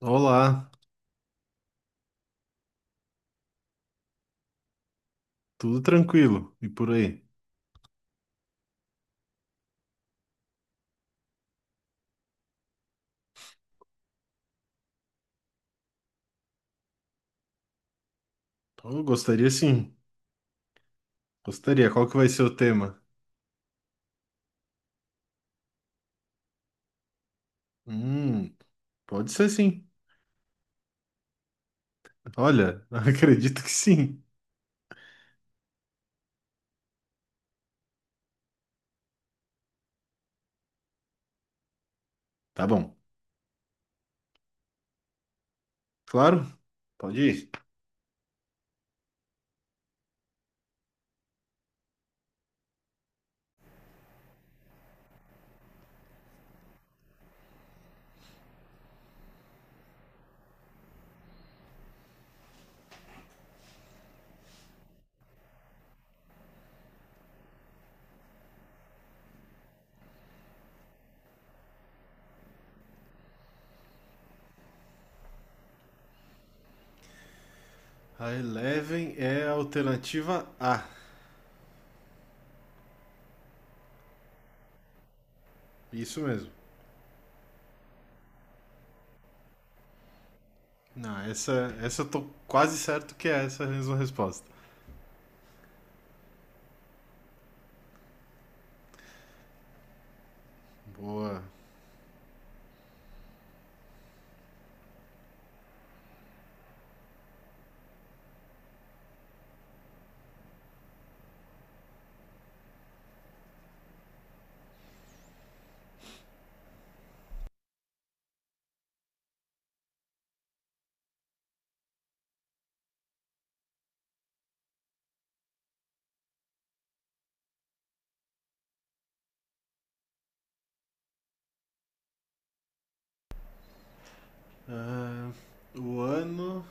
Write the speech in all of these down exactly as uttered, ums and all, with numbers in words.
Olá, tudo tranquilo? E por aí? Eu gostaria sim, gostaria. Qual que vai ser o tema? Hum, pode ser sim. Olha, acredito que sim. Tá bom, claro, pode ir. A Eleven é a alternativa A. Isso mesmo. Não, essa, essa eu tô quase certo que é essa a mesma resposta. Boa. Ah, o ano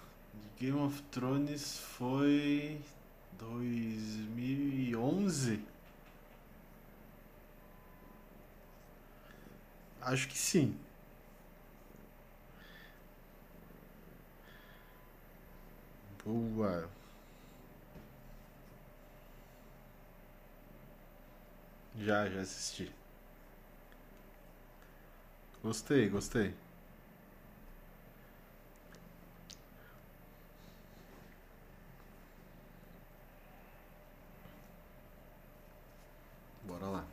de Game of Thrones foi dois mil e onze. Acho que sim. Boa. Já, já assisti. Gostei, gostei. Bora lá.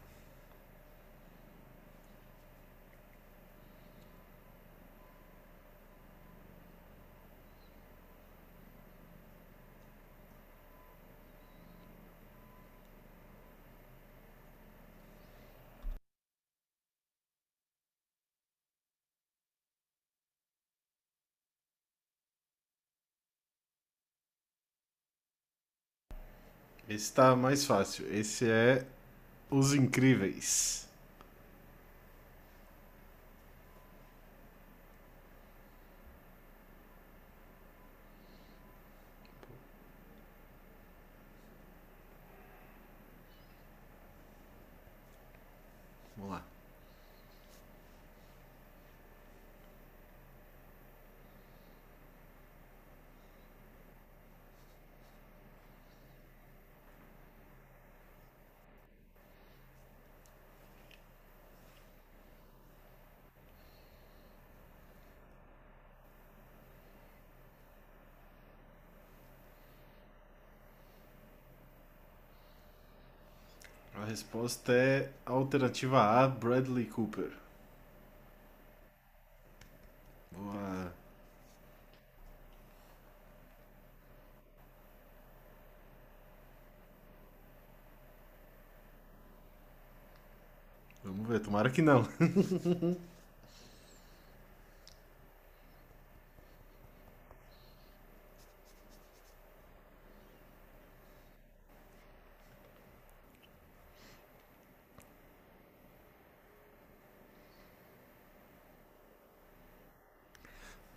Esse tá mais fácil. Esse é Os Incríveis. Vamos lá. A resposta é alternativa A, Bradley Cooper. Boa. Vamos ver, tomara que não.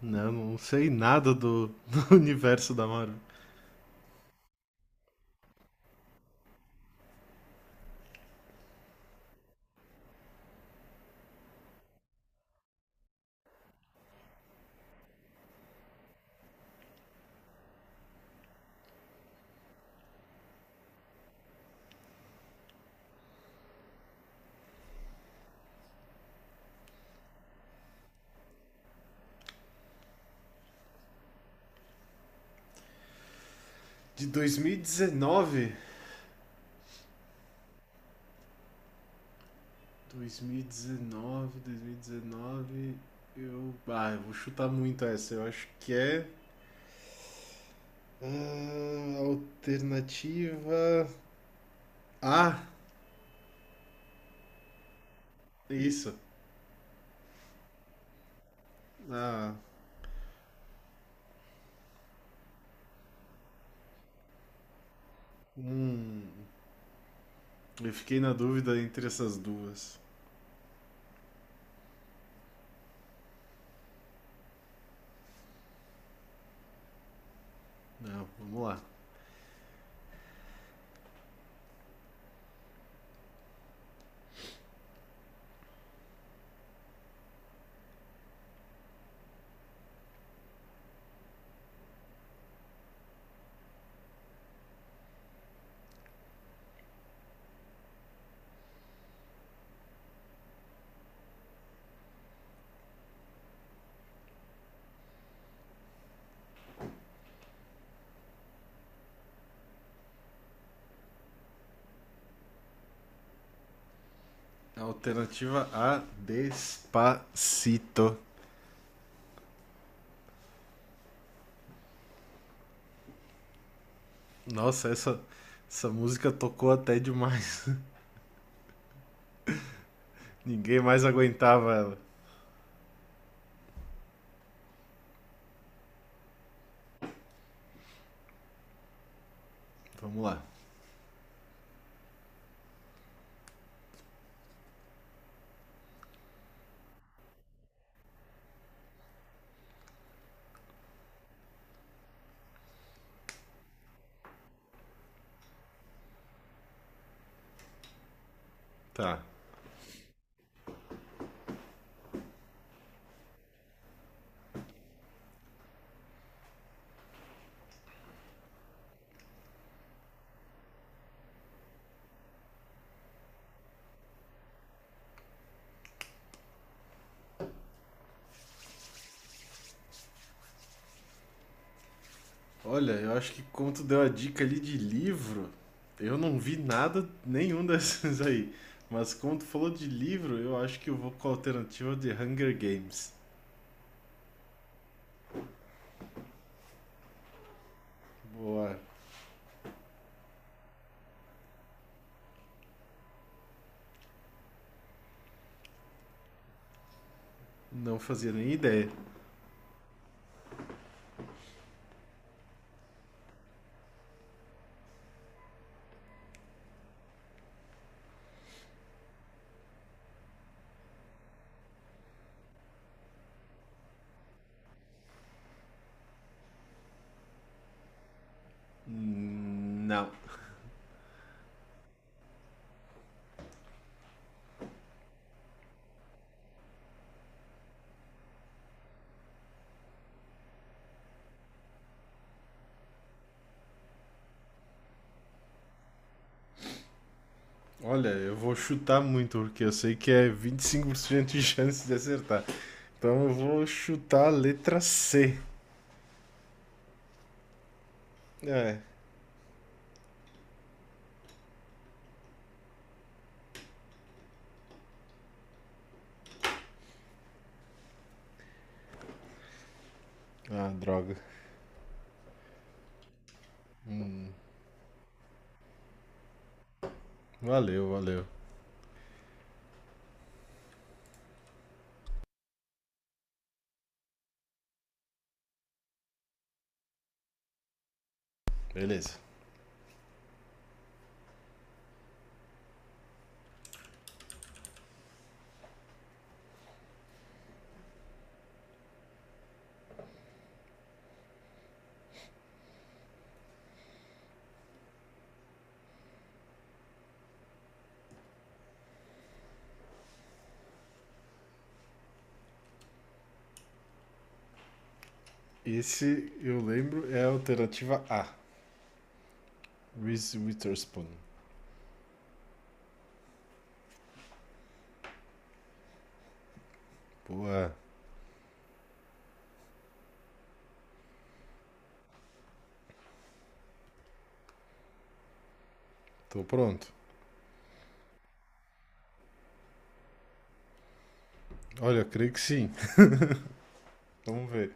Não, não sei nada do, do universo da Marvel. De dois Dois mil e dezenove? Dois mil e dezenove, dois mil e dois mil e dezenove. dois mil e dezenove, dois mil e dezenove. Eu. Ah, eu vou chutar muito essa. Eu acho que é. Ah, alternativa. A, isso. Ah, hum, eu fiquei na dúvida entre essas duas. Não, vamos lá. Alternativa A, Despacito. Nossa, essa, essa música tocou até demais. Ninguém mais aguentava ela. Vamos lá. Tá. Olha, eu acho que como tu deu a dica ali de livro, eu não vi nada nenhum desses aí. Mas como tu falou de livro, eu acho que eu vou com a alternativa de Hunger Games. Boa. Não fazia nem ideia. Hum, Não. Olha, eu vou chutar muito, porque eu sei que é vinte e cinco por cento de chance de acertar. Então eu vou chutar a letra C. É. Ah, droga. Valeu, valeu. Beleza. Esse, eu lembro, é a alternativa A. Reese Witherspoon. Boa, tô pronto. Olha, eu creio que sim. Vamos ver.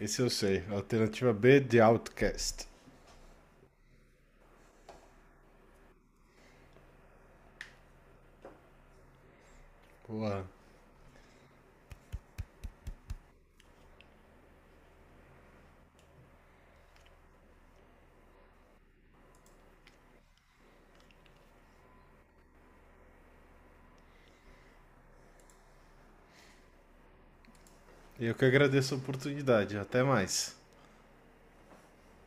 Esse eu sei. Alternativa B de Outcast. Boa. E eu que agradeço a oportunidade. Até mais.